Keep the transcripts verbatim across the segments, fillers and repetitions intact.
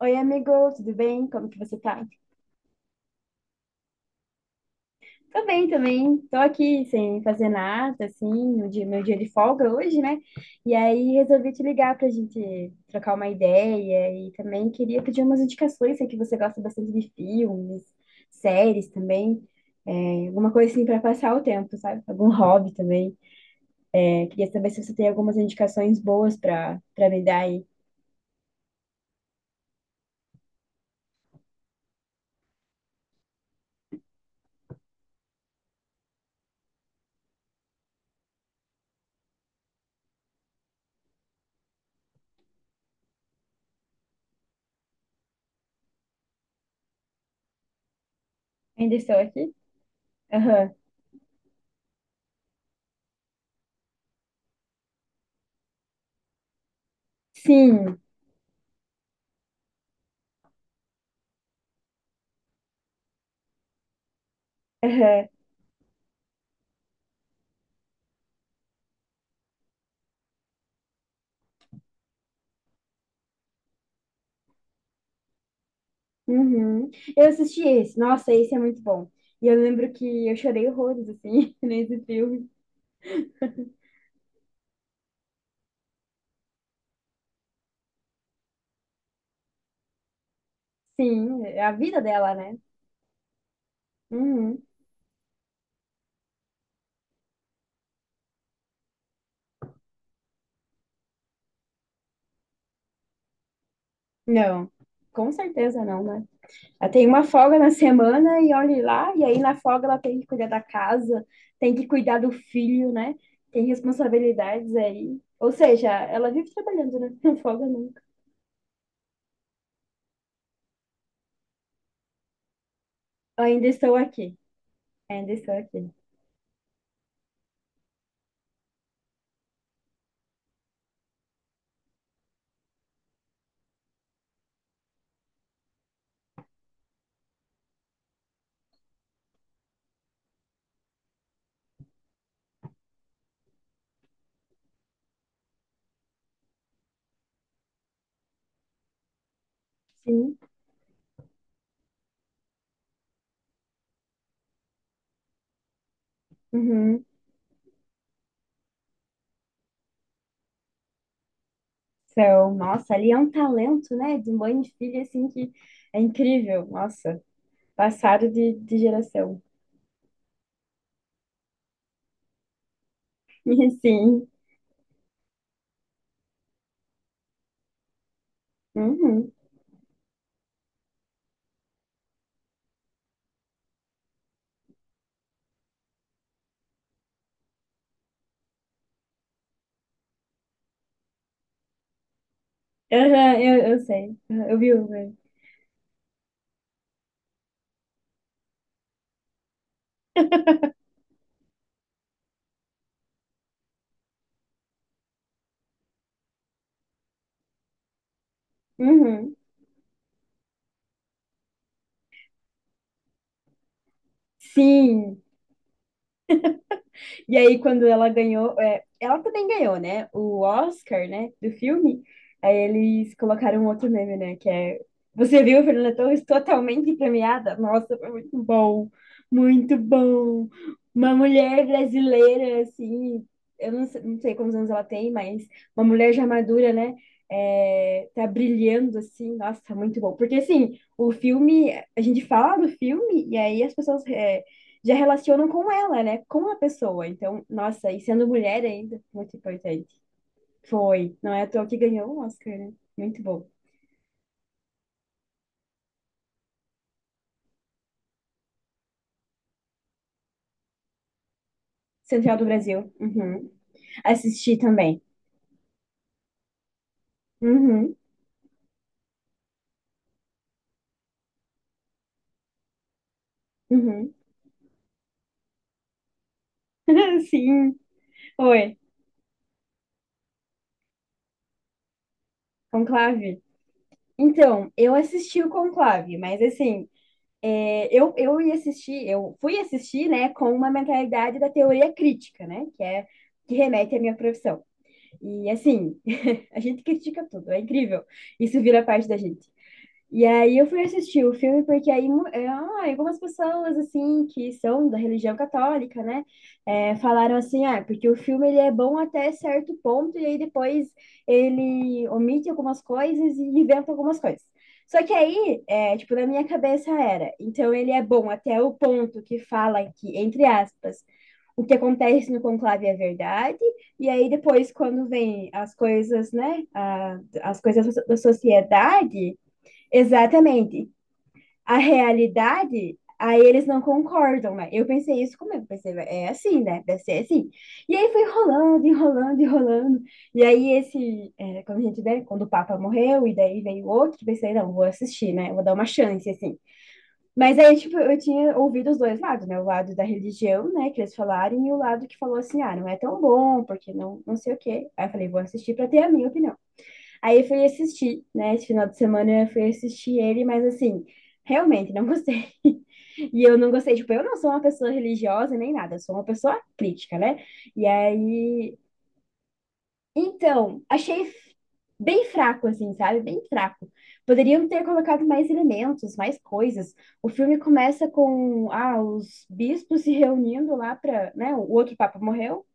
Oi, amigo, tudo bem? Como que você tá? Tô bem também. Tô aqui sem fazer nada, assim, no dia- meu dia de folga hoje, né? E aí resolvi te ligar pra gente trocar uma ideia e também queria pedir umas indicações, sei que você gosta bastante de filmes, séries também, é, alguma coisa assim pra passar o tempo, sabe? Algum hobby também. É, queria saber se você tem algumas indicações boas pra para me dar aí. Ainda estou aqui? Aham. Sim. Uhum. Eu assisti esse. Nossa, esse é muito bom. E eu lembro que eu chorei horrores, assim, nesse filme. Sim, é a vida dela, né? Uhum. Não, com certeza não, né? Ela tem uma folga na semana e olhe lá, e aí na folga ela tem que cuidar da casa, tem que cuidar do filho, né? Tem responsabilidades aí. Ou seja, ela vive trabalhando, né? Não folga nunca. Ainda estou aqui. Ainda estou aqui. Sim. Uhum. São, nossa, ali é um talento, né? De mãe e filha, assim, que é incrível. Nossa, passado de, de geração. E sim. Uhum. Aham, eu, eu sei. Aham, eu vi o. Uhum. Sim. E aí, quando ela ganhou, é, ela também ganhou, né? O Oscar, né? Do filme. Aí eles colocaram outro meme, né? Que é. Você viu Fernanda Torres totalmente premiada? Nossa, foi muito bom. Muito bom. Uma mulher brasileira, assim. Eu não sei, não sei quantos anos ela tem, mas uma mulher já madura, né? É, tá brilhando assim, nossa, muito bom. Porque assim, o filme, a gente fala do filme e aí as pessoas é, já relacionam com ela, né? Com a pessoa. Então, nossa, e sendo mulher ainda, muito importante. Foi. Não é à toa que ganhou o Oscar, né? Muito bom. Central do Brasil. Uhum. Assisti também. Uhum. Uhum. Sim. Oi. Conclave. Então, eu assisti o Conclave, mas assim, é, eu, eu ia assistir, eu fui assistir, né, com uma mentalidade da teoria crítica, né? Que é que remete à minha profissão. E assim, a gente critica tudo, é incrível. Isso vira parte da gente. E aí eu fui assistir o filme porque aí mu- é, ah, algumas pessoas assim que são da religião católica, né, é, falaram assim, ah, porque o filme ele é bom até certo ponto e aí depois ele omite algumas coisas e inventa algumas coisas. Só que aí, é, tipo, na minha cabeça era, então ele é bom até o ponto que fala que, entre aspas, o que acontece no conclave é verdade, e aí depois quando vem as coisas, né, a- as coisas da so- da sociedade. Exatamente. A realidade, aí eles não concordam, né? Eu pensei isso comigo, pensei, é assim, né? Deve ser assim. E aí foi enrolando, enrolando, enrolando. E aí esse, é, quando a gente, né, quando o Papa morreu, e daí veio outro, pensei, não, vou assistir, né? Vou dar uma chance, assim. Mas aí, tipo, eu tinha ouvido os dois lados, né? O lado da religião, né, que eles falaram, e o lado que falou assim, ah, não é tão bom, porque não, não sei o quê. Aí eu falei, vou assistir para ter a minha opinião. Aí eu fui assistir, né? Esse final de semana eu fui assistir ele, mas assim, realmente não gostei. E eu não gostei, tipo, eu não sou uma pessoa religiosa nem nada, eu sou uma pessoa crítica, né? E aí, então, achei f- bem fraco, assim, sabe? Bem fraco. Poderiam ter colocado mais elementos, mais coisas. O filme começa com ah, os bispos se reunindo lá para, né? O outro papa morreu.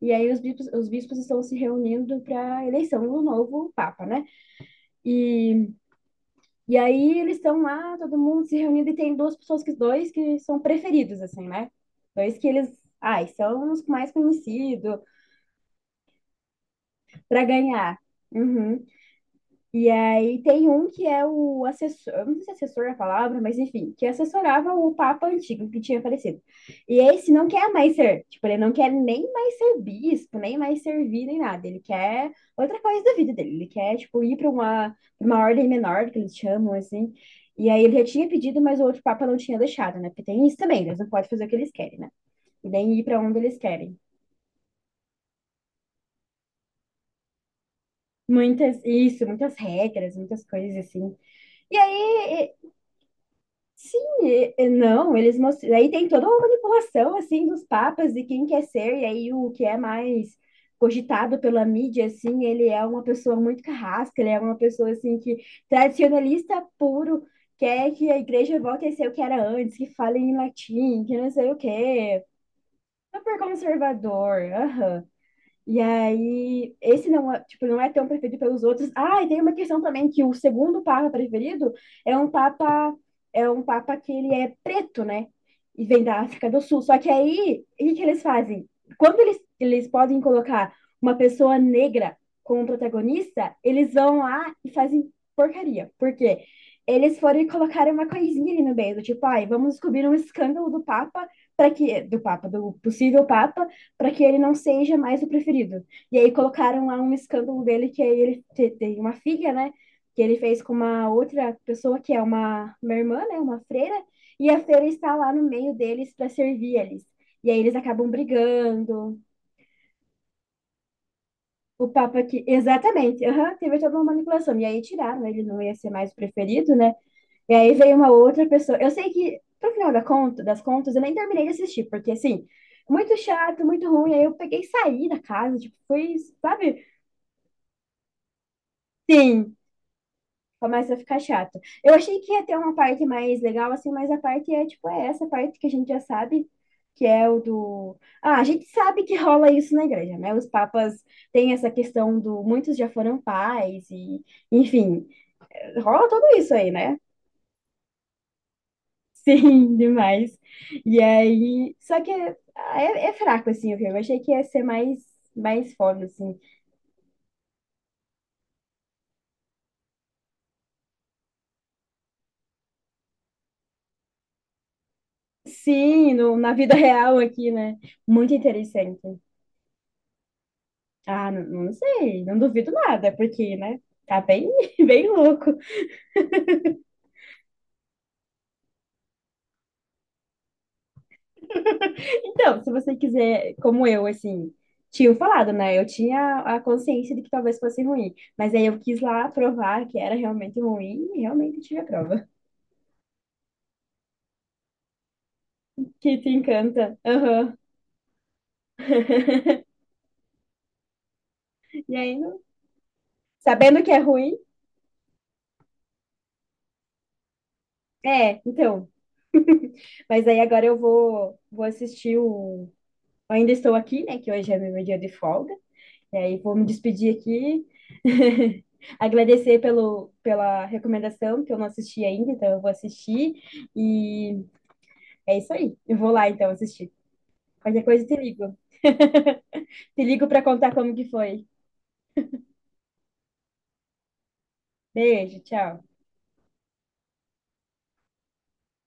E aí os bispos, os bispos estão se reunindo para eleição do novo papa, né? E E aí eles estão lá, todo mundo se reunindo, e tem duas pessoas que dois que são preferidos, assim, né? Dois que eles, ai, são os mais conhecidos para ganhar. Uhum. E aí tem um que é o assessor, eu não sei se é assessor é a palavra, mas enfim, que assessorava o Papa antigo que tinha falecido. E esse não quer mais ser, tipo, ele não quer nem mais ser bispo, nem mais servir, nem nada. Ele quer outra coisa da vida dele. Ele quer, tipo, ir para uma, pra uma ordem menor, que eles chamam, assim. E aí ele já tinha pedido, mas o outro Papa não tinha deixado, né? Porque tem isso também, eles não podem fazer o que eles querem, né? E nem ir para onde eles querem muitas isso, muitas regras, muitas coisas assim. E aí sim, e- e não, eles mostram. Aí tem toda uma manipulação assim dos papas de quem quer ser, e aí o que é mais cogitado pela mídia, assim, ele é uma pessoa muito carrasca, ele é uma pessoa assim que tradicionalista puro, quer que a igreja volte a ser o que era antes, que fale em latim, que não sei o quê. Super conservador, aham. E aí, esse não é, tipo, não é tão preferido pelos outros. Ah, e tem uma questão também que o segundo papa preferido é um papa é um papa que ele é preto, né? E vem da África do Sul. Só que aí, o que, que eles fazem? Quando eles, eles podem colocar uma pessoa negra como protagonista, eles vão lá e fazem porcaria. Por quê? Eles foram e colocaram uma coisinha ali no meio, do tipo, ai, vamos descobrir um escândalo do Papa para que do Papa, do possível Papa, para que ele não seja mais o preferido. E aí colocaram lá um escândalo dele que aí ele te- tem uma filha, né? Que ele fez com uma outra pessoa que é uma, uma irmã, né? Uma freira. E a freira está lá no meio deles para servir eles. E aí eles acabam brigando. O Papa que exatamente, aham, teve toda uma manipulação. E aí tiraram, ele não ia ser mais o preferido, né? E aí veio uma outra pessoa. Eu sei que, pro final da conta, das contas, eu nem terminei de assistir, porque assim, muito chato, muito ruim. Aí eu peguei e saí da casa, tipo, foi, sabe? Sim, começa a ficar chato. Eu achei que ia ter uma parte mais legal, assim, mas a parte é, tipo, é essa parte que a gente já sabe, que é o do. Ah, a gente sabe que rola isso na igreja, né? Os papas têm essa questão do. Muitos já foram pais, e, enfim, rola tudo isso aí, né? Sim, demais. E aí, só que é, é- é fraco, assim, o filme. Eu achei que ia ser mais, mais foda, assim. Sim, no, na vida real aqui, né? Muito interessante. Ah, não, não sei, não duvido nada, porque, né? Tá bem, bem louco. Então, se você quiser, como eu, assim, tinha falado, né? Eu tinha a consciência de que talvez fosse ruim, mas aí eu quis lá provar que era realmente ruim e realmente tive a prova. Que te encanta. Aham. E aí, sabendo que é ruim, é, então. Mas aí agora eu vou, vou assistir o. Ainda estou aqui, né? Que hoje é meu dia de folga. E aí vou me despedir aqui. Agradecer pelo, pela recomendação, que eu não assisti ainda, então eu vou assistir. E é isso aí. Eu vou lá então assistir. Qualquer coisa te ligo. Te ligo para contar como que foi. Beijo, tchau.